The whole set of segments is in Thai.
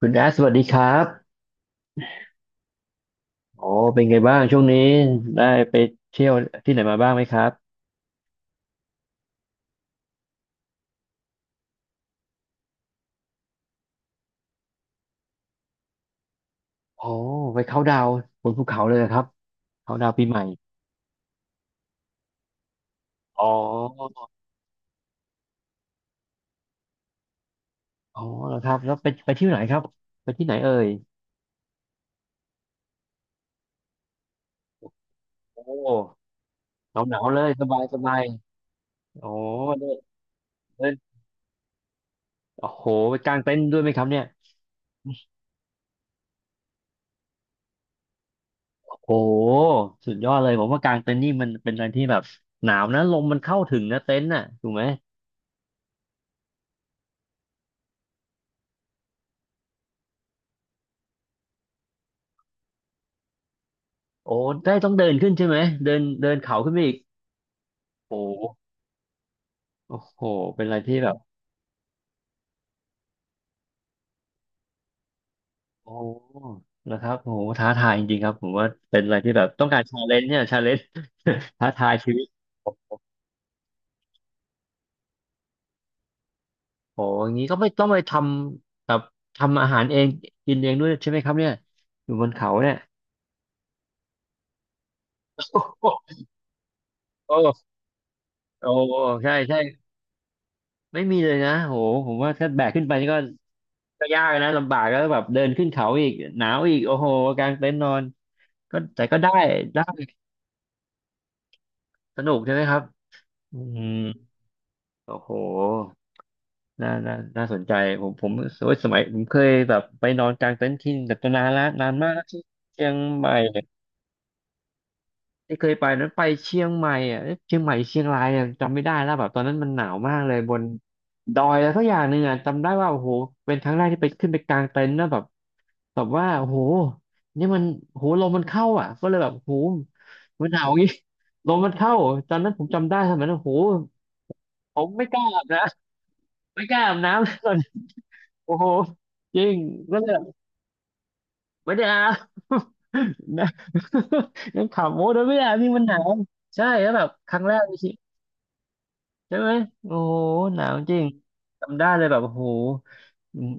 คุณแอสสวัสดีครับโอ้เป็นไงบ้างช่วงนี้ได้ไปเที่ยวที่ไหนมาบ้างไหมครับโอ้ไปเขาท์ดาวน์บนภูเขาเลยเหรอครับเขาท์ดาวน์ปีใหม่อ๋ออ๋อแล้วครับแล้วไปที่ไหนครับไปที่ไหนเอ่ยโอ้หนาวหนาวเลยสบายสบายโอ้เดินเดินโอ้โหไปกางเต็นท์ด้วยไหมครับเนี่ยโอ้โหสุดยอดเลยผมว่ากางเต็นท์นี่มันเป็นอะไรที่แบบหนาวนะลมมันเข้าถึงนะเต็นท์น่ะถูกไหมโอ้ได้ต้องเดินขึ้นใช่ไหมเดินเดินเขาขึ้นไปอีกโอ้ โอ้โหเป็นอะไรที่แบบโอ้นะครับโอ้โหท้าทายจริงๆครับผมว่าเป็นอะไรที่แบบต้องการชาเลนจ์เนี่ยชาเลนจ์ ท้าทายชีวิตโอ้โหอย่างนี้ก็ไม่ต้องไปทำแบบทำอาหารเองกินเองด้วยใช่ไหมครับเนี่ยอยู่บนเขาเนี่ยโอ้โอ้โอ้ใช่ใช่ไม่มีเลยนะโหผมว่าถ้าแบกขึ้นไปนี่ก็ยากนะลำบากแล้วแบบเดินขึ้นเขาอีกหนาวอีกโอ้โหกางเต็นท์นอนก็แต่ก็ได้ได้สนุกใช่ไหมครับอืมโอ้โห น่าสนใจผมโอ้ยสมัยผมเคยแบบไปนอนกลางเต็นท์ที่แต่นานแลวนานมากแล้วที่เชียงใหม่ที่เคยไปนั้นไปเชียงใหม่อ่ะเอ๊ะเชียงใหม่เชียงรายอ่ะจำไม่ได้แล้วแบบตอนนั้นมันหนาวมากเลยบนดอยแล้วสักอย่างหนึ่งอ่ะจำได้ว่าโอ้โหเป็นครั้งแรกที่ไปขึ้นไปกลางเต็นท์นะแบบแบบว่าโอ้โหนี่มันโอ้โหลมมันเข้าอ่ะก็เลยแบบโอ้โหมันหนาวอย่างงี้ ลมมันเข้าตอนนั้นผมจำได้สมัยนั้นโอ้โหผมไม่กล้าอาบนะไม่กล้าอาบน้ำเลย โอ้โหจริงก็เลยแบบไม่ได้ อาบ นะยังขำโอ้โดนไม่ได้อาบนี่มันหนาวใช่แล้วแบบครั้งแรกในชีวิตใช่ไหมโอ้โหหนาวจริงจำได้เลยแบบโอ้โห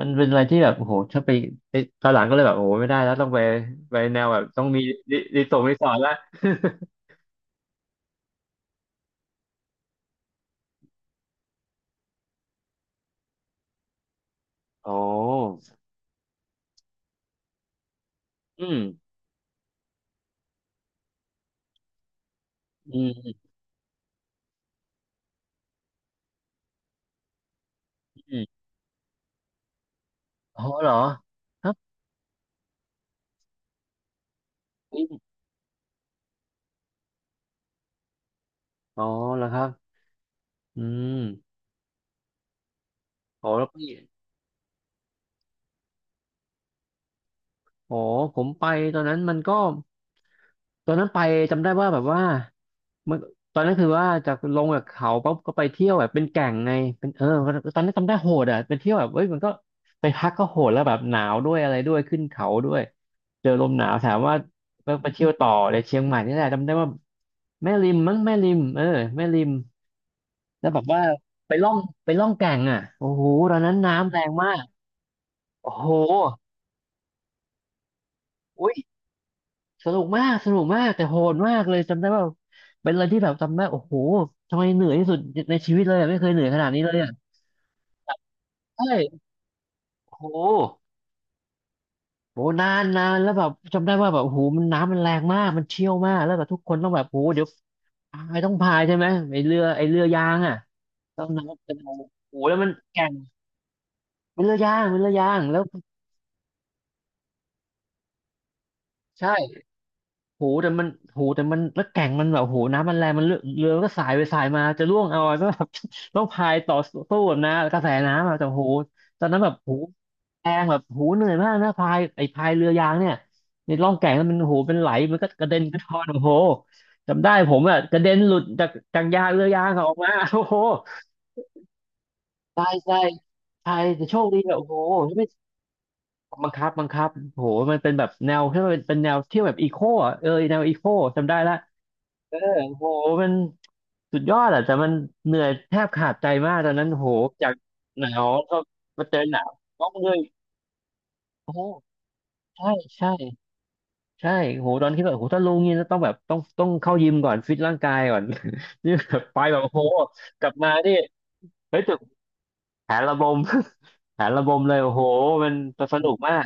มันเป็นอะไรที่แบบโอ้โหถ้าไปไปตอนหลังก็เลยแบบโอ้โหไม่ได้แล้วต้องไปไปแนวแบบต้องมีรีสอร์ทรีสอร์ทละ โอ้ อืมอืมอืมโอ๋อเหรอครับออ๋อเหรอครับอืมโอแล้วพี่ อ๋อผมไปตอนนั้นมันก็ตอนนั้นไปจำได้ว่าแบบว่ามันตอนนั้นคือว่าจากลงจากเขาปั๊บก็ไปเที่ยวแบบเป็นแก่งไงเป็นเออตอนนั้นจำได้โหดอ่ะเป็นเที่ยวแบบเอ้ยมันก็ไปพักก็โหดแล้วแบบหนาวด้วยอะไรด้วยขึ้นเขาด้วยเจอลมหนาวถามว่าไปเที่ยวต่อในเชียงใหม่นี่แหละจำได้ว่าแม่ริมมั้งแม่ริมเออแม่ริมแล้วแบบว่าไปล่องไปล่องแก่งอ่ะโอ้โหตอนนั้นน้ำแรงมากโอ้โห สนุกมากสนุกมากแต่โหดมากเลย จำได้ว่าเป็นอะไรที่แบบจำได้โอ้โหทำไมเหนื่อยที่สุดในชีวิตเลยอะไม่เคยเหนื่อยขนาดนี้เลยอ่ะใช่โอ้โหโหนานนานแล้วแบบจำได้ว่าแบบโอ้โหมันน้ำมันแรงมากมันเชี่ยวมากแล้วแบบทุกคนต้องแบบโอ้โหเดี๋ยวพายต้องพายใช่ไหมไอเรือยางอ่ะต้องน้ำเป็นโอ้โหแล้วมันแก่งเป็นเรือยางแล้วใช่ โหแต่มันโหแต่มันแล้วแก่งมันแบบโหน้ำมันแรงมันเรือมันก็สายไปสายมาจะร่วงเอาอะก็แบบ ต้องพายต่อสู้แบบนะกระแสน้ำอะแต่โหตอนนั้นแบบโหแรงแบบโหเหนื่อยมากนะพายไอ้พายเรือยางเนี่ยในร่องแก่งนั้นมันโหเป็นไหลมันก็กระเด็นกระทอนโอ้โหจำได้ผมอะกระเด็นหลุดจากยางเรือยางอะออกมา โอ้โหใช่ใช่ใช่แต่โชคดีแบบโอ้โหไม่บังคับโอ้โหมันเป็นแบบแนวที่มันเป็นแนวเที่ยวแบบอีโคอะเออแนวอีโคจำได้ละ เออโหมันสุดยอดอะแต่มันเหนื่อยแทบขาดใจมากตอนนั้นโหจากหนาวก็มาเจอหนาวต้องเลยโอ้โหใช่ใช่ใช่โหตอนที่แบบโหถ้าลงนี่ต้องแบบต้องเข้ายิมก่อนฟิตร่างกายก่อน นี่แบบไปแบบโอ้โหกลับมาที่เฮ้ยจุดแผนระบม แผนระบมเลยโอ้โหมันสนุกมาก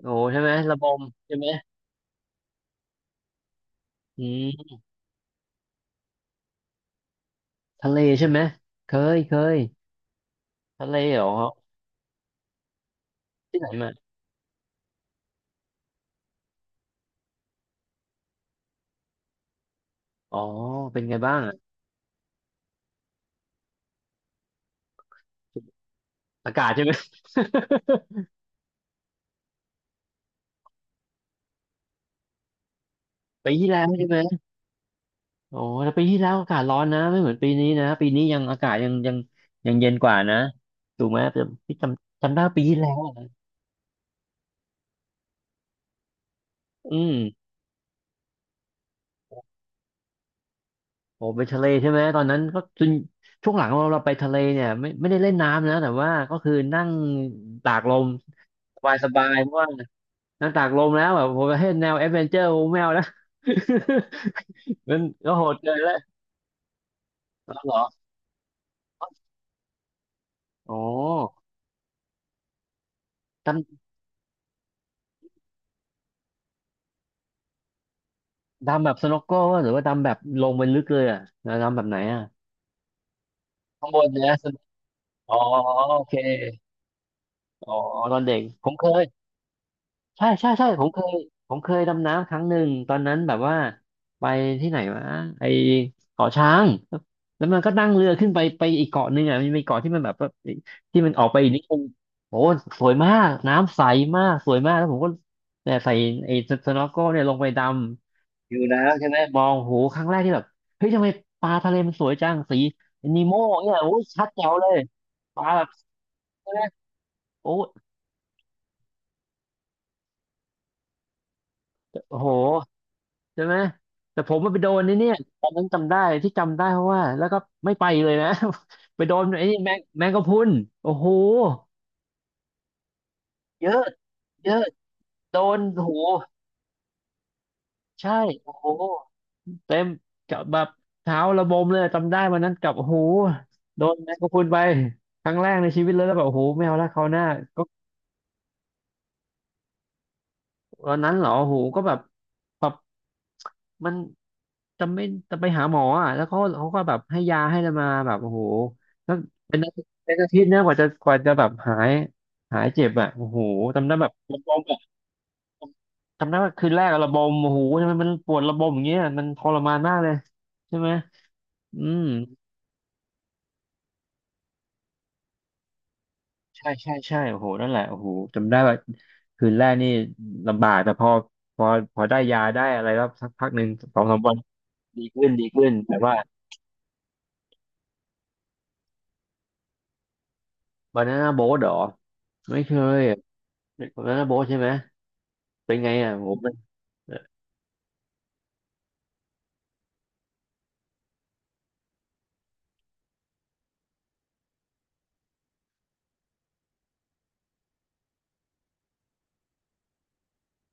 โอ้โหใช่ไหม ระบมใช่ไหมอืมทะเลใช่ไหม เคยเคยทะเลเหรอที่ไหนมาอ๋อเป็นไงบ้าง อากาศใช่ไหม ปีที่แล้วใช่ไหมโอ้แต่ปีที่แล้วอากาศร้อนนะไม่เหมือนปีนี้นะปีนี้ยังอากาศยังเย็นกว่านะถูกไหมแต่พี่จำได้ปีที่แล้วอะอืมโอ้ไปทะเลใช่ไหมตอนนั้นก็จนช่วงหลังเราไปทะเลเนี่ยไม่ได้เล่นน้ำนะแต่ว่าก็คือนั่งตากลมสบายสบายเพราะว่านั่งตากลมแล้วแบบผมให้แนวแอดเวนเจอร์โมแมวนะ มันก็โหดเกินแล้วเหรออ๋อ ดำแบบสโนว์โก้หรือว่าดำแบบลงไปลึกเลยอ่ะแล้วดำแบบไหนอ่ะข้างบนเนี่ยอ๋อโอเคอ๋อตอนเด็กผมเคยใช่ใช่ใช่ผมเคยดำน้ำครั้งหนึ่งตอนนั้นแบบว่าไปที่ไหนวะไอเกาะช้างแล้วมันก็นั่งเรือขึ้นไปไปอีกเกาะหนึ่งอ่ะมันมีเกาะที่มันแบบว่าที่มันออกไปอีกนิดนึงโอ้สวยมากน้ำใสมากสวยมากแล้วผมก็เนี่ยใส่ไอ้สโนว์โก้เนี่ยลงไปดำ อยู่แล้วใช่ไหมมองโหครั้งแรกที่แบบเฮ้ยทำไมปลาทะเลมันสวยจังสีนีโม่เนี่ยโอ้ยชัดแจ๋วเลยปลาแบบใช่ไหมโอ้โอ้โหใช่ไหมแต่ผมมันไปโดนนี่เนี่ยตอนนั้นจำได้ที่จำได้เพราะว่าแล้วก็ไม่ไปเลยนะ ไปโดนไอ้นี่แมงกะพรุนโอ้โหเยอะเยอะโดนโอ้โหใช่โอ้โหเต็มกับแบบเท้าระบมเลยจำได้วันนั้นกับโอ้โหโดนแมงกะพรุนไปครั้งแรกในชีวิตเลยแล้วแบบโอ้โหไม่เอาละคราวหน้า วันนั้นเหรอโหก็แบบแบบมันจะไม่จะไปหาหมออ่ะแล้วเขาก็แบบให้ยาให้อะไรมาแบบโอ้โหแล้วเป็นอาทิตย์เป็นอาทิตย์นะกว่าจะแบบหายหายเจ็บอ่ะโอ้โหจำได้แบบระบมอ่ะจำได้ว่าคืนแรกอะระบมโอ้โหทำไมมันปวดระบมอย่างเงี้ยมันทรมานมากเลยใช่ไหมอืมใช่ใช่ใช่โอ้โหนั่นแหละโอ้โหจำได้ว่าคืนแรกนี่ลำบากแต่พอพอได้ยาได้อะไรก็สักพักหนึ่งสองสามวัน ดีขึ้นดีขึ้นแต่ว่าบานาน่าโบ๊ทหรอไม่เคยบานาน่าโบ๊ทใช่ไหมเป็นไงอ่ะโหมันเออ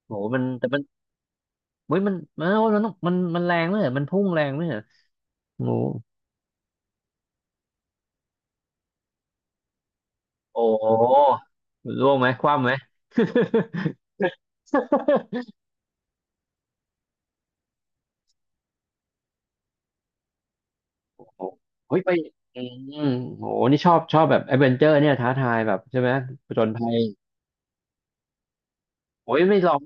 โหมันเฮ้ยมันต้องมันแรงไหมอะมันพุ่งแรงไหมอะโหโอ้โหร่วงไหมคว่ำไหม โอ้ โหเฮ้ยไปอืมโหนี่ชอบชอบแบบแอดเวนเจอร์เนี่ยท้าทายแบบใช่ไหมผจญภัยโอ้ยไม่ลอง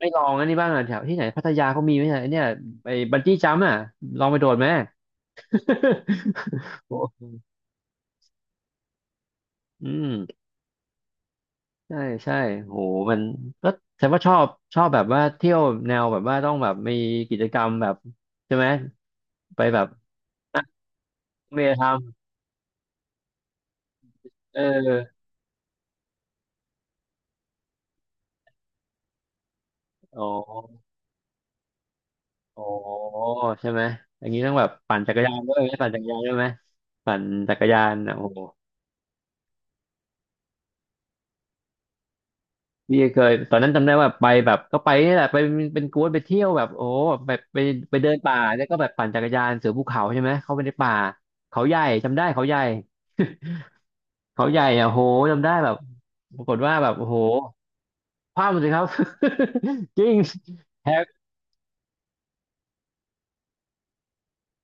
ไม่ลองอันนี้บ้างอ่ะแถวที่ไหนพัทยาเขามีไหมเนี่ยไอเนี่ยไอบันจี้จัมป์อ่ะลองไปโดดไหม โหอืมใช่ใช่โหมันก็แสดงว่าชอบชอบแบบว่าเที่ยวแนวแบบว่าต้องแบบมีกิจกรรมแบบใช่ไหมไปแบบเมทำเอออ๋ออ๋อใช่ไหมอย่างนี้ต้องแบบปั่นจักรยานด้วยไหมปั่นจักรยานอ่ะโอ้โหพี่เคยตอนนั้นจำได้ว่าไปแบบก็ไปนี่แหละไปเป็นกวนไปเที่ยวแบบโอ้โหแบบไปไปเดินป่าแล้วก็แบบปั่นจักรยานเสือภูเขาใช่ไหมเข้าไปในป่าเขาใหญ่จำได้เขาใหญ่ เขาใหญ่อะโหจำได้แบบปรากฏว่าแบบโอ้โหพลาดหมดเลยครับ จริงแหก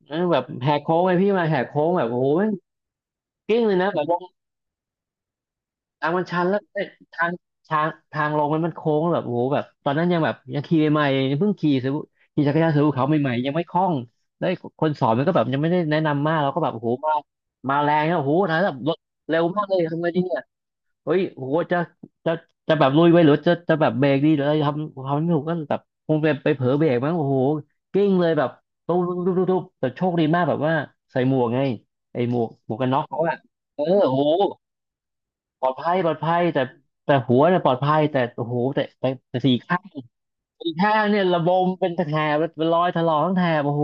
เออแบบแหกโค้งไปพี่มาแหกโค้งแบบโอ้โหแม่งกิ้งเลยนะแบบลงทางมันชันแล้วเอ้ยทางทางลงมันโค้งแล้วแบบโอ้โหแบบตอนนั้นยังแบบยังขี่ใหม่ๆเพิ่งขี่ซื้อขี่จักรยานซื้อภูเขาใหม่ๆยังไม่คล่องแล้วคนสอนมันก็แบบยังไม่ได้แนะนำมากเราก็แบบโอ้โหมามาแรงนะโอ้โหนะแบบรถเร็วมากเลยทำไงดี เฮ้ยโหจะจะจะแบบลุยไปหรือจะแบบเบรกดีหรืออะไรทำไม่ถูกก็แบบคงไปไปเผลอเบรกมั้งโอ้โหกิ้งเลยแบบตุ๊บตุ๊บตุ๊บตุ๊บตุ๊บแต่โชคดีมากแบบว่าใส่หมวกไงไอ้หมวกกันน็อกเขาอะเออโอ้โหปลอดภัยปลอดภัยแต่หัวเนี่ยปลอดภัยแต่โอ้โหแต่สี่ข้างเนี่ยระบมเป็นแถบเป็นรอยถลอกทั้งแถบโอ้โห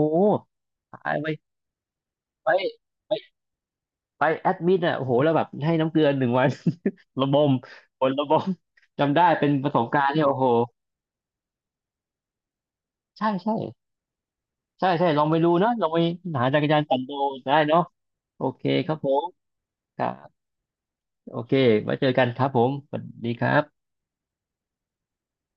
ตายไปไป ไปแอดมิดอ่ะโอ้โหแล้วแบบให้น้ำเกลือหนึ่งวัน ระบมผลระบมจำได้เป็นประสบการณ์เนี่ยโอ้โหใช่ใช่ใช่ใช่ลองไปดูเนาะลองไปหาจักรยานปั่นดูได้เนาะโอเคครับผมครับโอเคไว้เจอกันครับผมสวัสดีครับ